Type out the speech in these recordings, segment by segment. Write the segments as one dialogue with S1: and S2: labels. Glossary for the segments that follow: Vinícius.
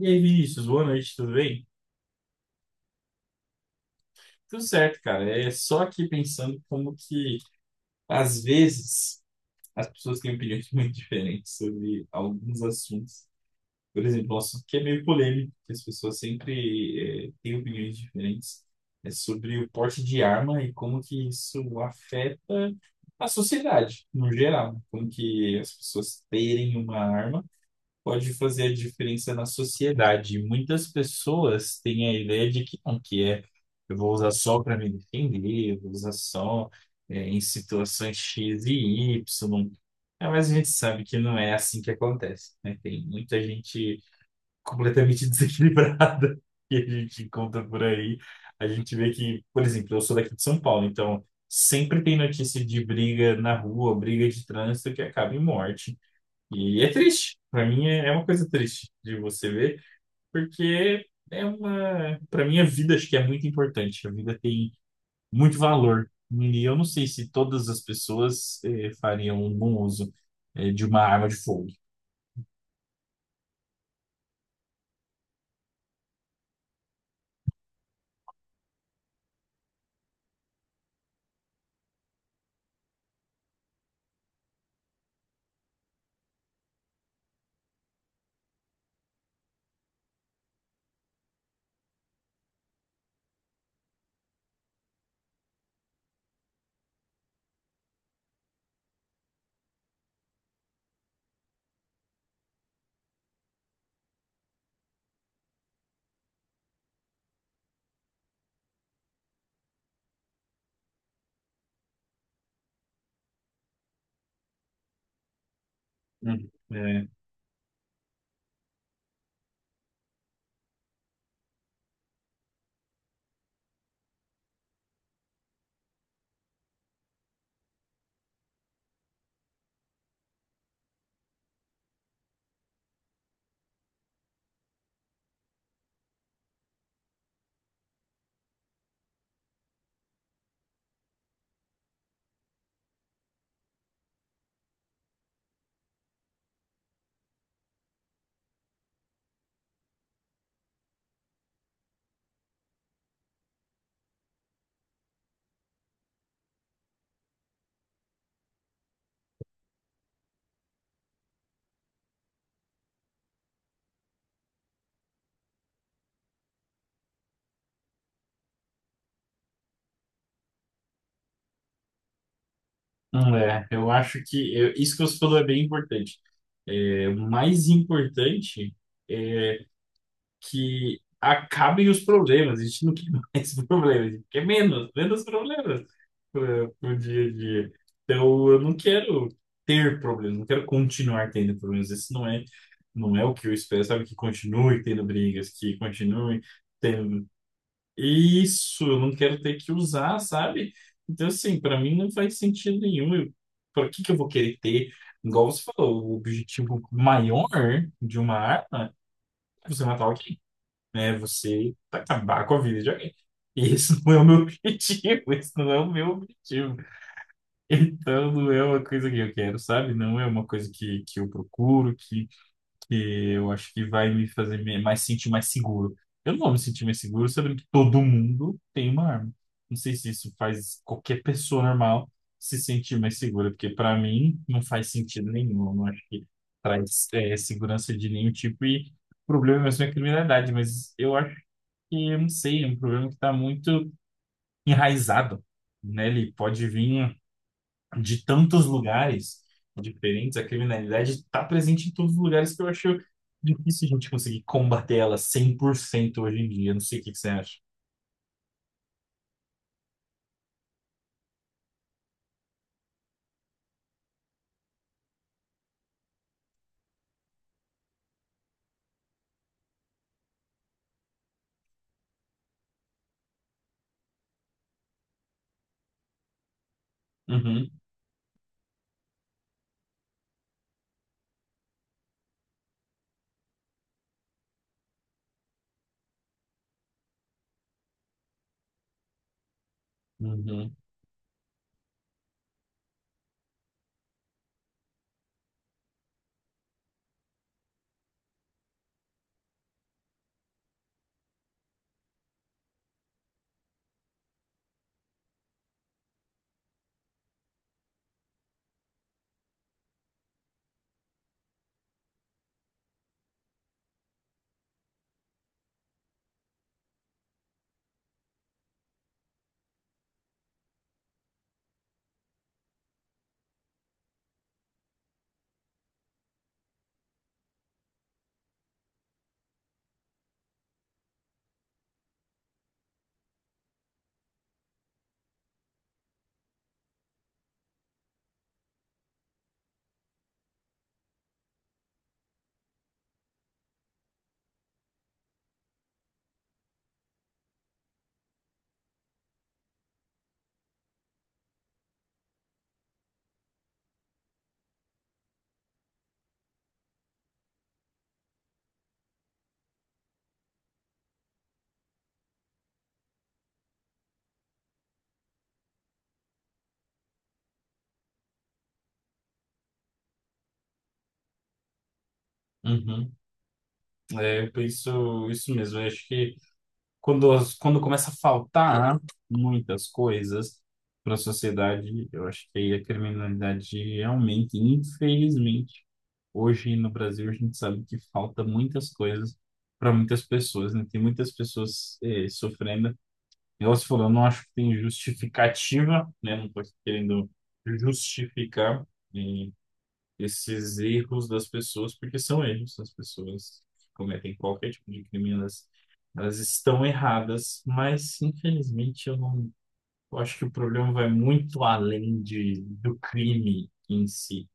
S1: E aí, Vinícius, boa noite, tudo bem? Tudo certo, cara. É só aqui pensando como que, às vezes, as pessoas têm opiniões muito diferentes sobre alguns assuntos. Por exemplo, um assunto que é meio polêmico, que as pessoas sempre, têm opiniões diferentes, é sobre o porte de arma e como que isso afeta a sociedade, no geral. Como que as pessoas terem uma arma pode fazer a diferença na sociedade. E muitas pessoas têm a ideia de que não, que é eu vou usar só para me defender, eu vou usar só em situações X e Y. É, mas a gente sabe que não é assim que acontece, né? Tem muita gente completamente desequilibrada que a gente encontra por aí. A gente vê que, por exemplo, eu sou daqui de São Paulo, então sempre tem notícia de briga na rua, briga de trânsito que acaba em morte. E é triste. Para mim é uma coisa triste de você ver, porque é uma, para mim a vida acho que é muito importante. A vida tem muito valor. E eu não sei se todas as pessoas fariam um bom uso de uma arma de fogo. É. Hum, é, eu acho que isso que você falou é bem importante. É, o mais importante é que acabem os problemas. A gente não quer mais problemas, a gente quer menos, menos problemas pro dia a dia. Então, eu não quero ter problemas, não quero continuar tendo problemas. Esse não é, Não é o que eu espero, sabe? Que continue tendo brigas, que continue tendo. Isso, eu não quero ter que usar, sabe? Então, assim, para mim não faz sentido nenhum. Eu, para que que eu vou querer ter? Igual você falou, o objetivo maior de uma arma é você matar alguém, né? Você acabar com a vida de alguém. E isso não é o meu objetivo, isso não é o meu objetivo. Então, não é uma coisa que eu quero, sabe? Não é uma coisa que eu procuro, que eu acho que vai me fazer me- mais sentir mais seguro. Eu não vou me sentir mais seguro sabendo que todo mundo tem uma arma. Não sei se isso faz qualquer pessoa normal se sentir mais segura, porque para mim não faz sentido nenhum. Eu não acho que traz segurança de nenhum tipo e o problema mesmo é a criminalidade, mas eu acho que eu não sei, é um problema que está muito enraizado, né? Ele pode vir de tantos lugares diferentes, a criminalidade está presente em todos os lugares que eu acho difícil a gente conseguir combater ela 100% hoje em dia. Não sei o que que você acha. Uhum. Uhum. Uhum. É, por isso, isso mesmo. Eu acho que quando começa a faltar muitas coisas para a sociedade, eu acho que aí a criminalidade aumenta. E, infelizmente, hoje no Brasil a gente sabe que falta muitas coisas para muitas pessoas, né? Tem muitas pessoas sofrendo. Igual você falou, eu não acho que tem justificativa, né? Não estou querendo justificar. eh, Esses erros das pessoas, porque são erros, as pessoas que cometem qualquer tipo de crime, elas estão erradas, mas infelizmente eu não, eu acho que o problema vai muito além de, do crime em si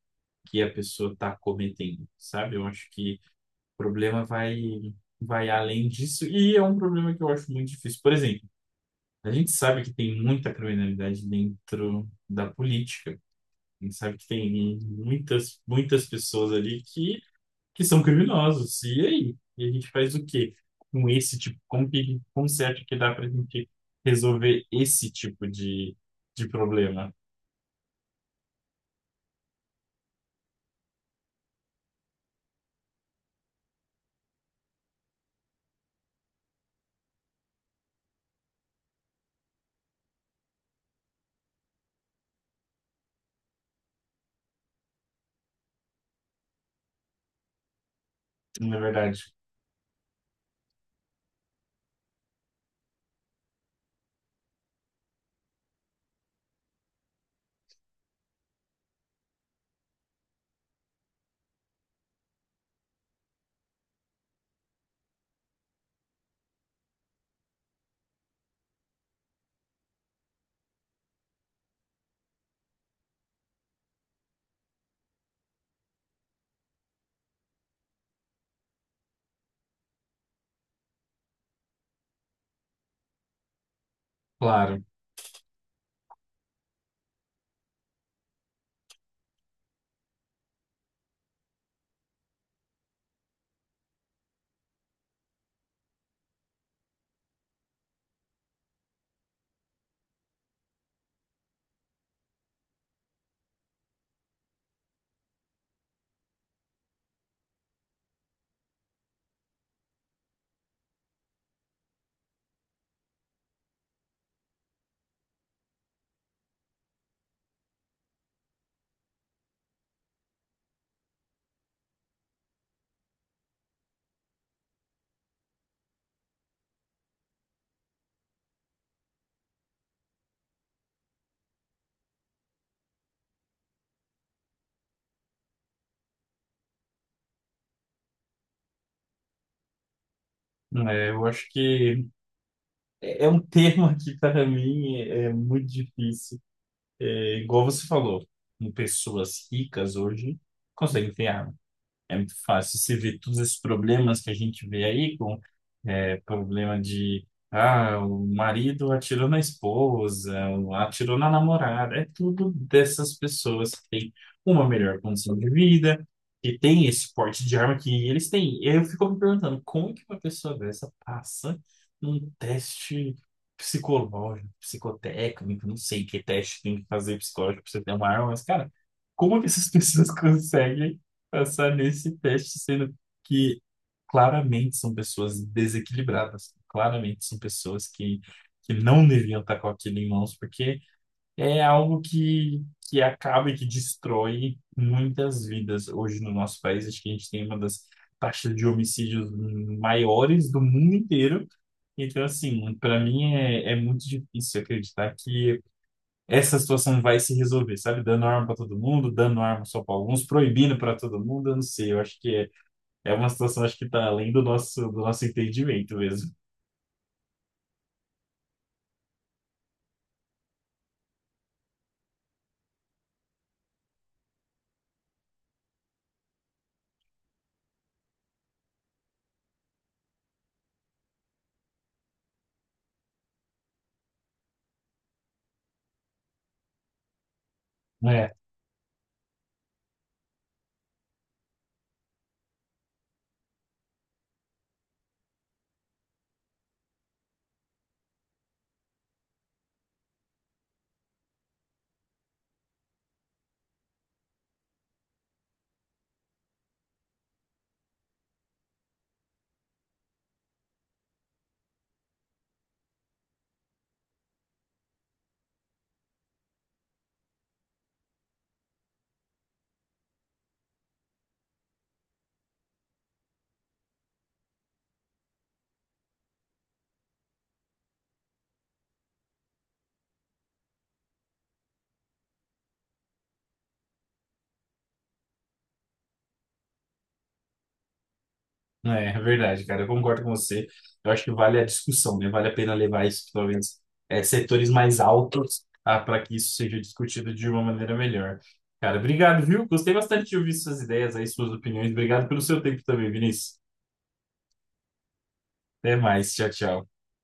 S1: que a pessoa está cometendo, sabe? Eu acho que o problema vai além disso e é um problema que eu acho muito difícil. Por exemplo, a gente sabe que tem muita criminalidade dentro da política. A gente sabe que tem muitas, muitas pessoas ali que são criminosos. E aí? E a gente faz o quê com esse tipo? Como você acha que dá para a gente resolver esse de problema? Na verdade, claro. É, eu acho que é um termo que para mim é muito difícil. É, igual você falou, em pessoas ricas hoje conseguem ter arma. É muito fácil. Você vê todos esses problemas que a gente vê aí. É problema de, ah, o marido atirou na esposa, atirou na namorada. É tudo dessas pessoas que têm uma melhor condição de vida, que tem esse porte de arma que eles têm. E aí eu fico me perguntando, como que uma pessoa dessa passa num teste psicológico, psicotécnico, não sei que teste tem que fazer psicológico pra você ter uma arma, mas, cara, como que essas pessoas conseguem passar nesse teste sendo que claramente são pessoas desequilibradas, claramente são pessoas que não deviam estar com aquilo em mãos, porque é algo que acaba e que destrói muitas vidas hoje no nosso país. Acho que a gente tem uma das taxas de homicídios maiores do mundo inteiro. Então, assim, para mim é muito difícil acreditar que essa situação vai se resolver, sabe? Dando arma para todo mundo, dando arma só para alguns, proibindo para todo mundo, eu não sei. Eu acho que é uma situação, acho que tá além do nosso entendimento mesmo. É, é verdade, cara. Eu concordo com você. Eu acho que vale a discussão, né? Vale a pena levar isso, talvez, é, setores mais altos, ah, para que isso seja discutido de uma maneira melhor. Cara, obrigado, viu? Gostei bastante de ouvir suas ideias aí, suas opiniões. Obrigado pelo seu tempo também, Vinícius. Até mais. Tchau, tchau.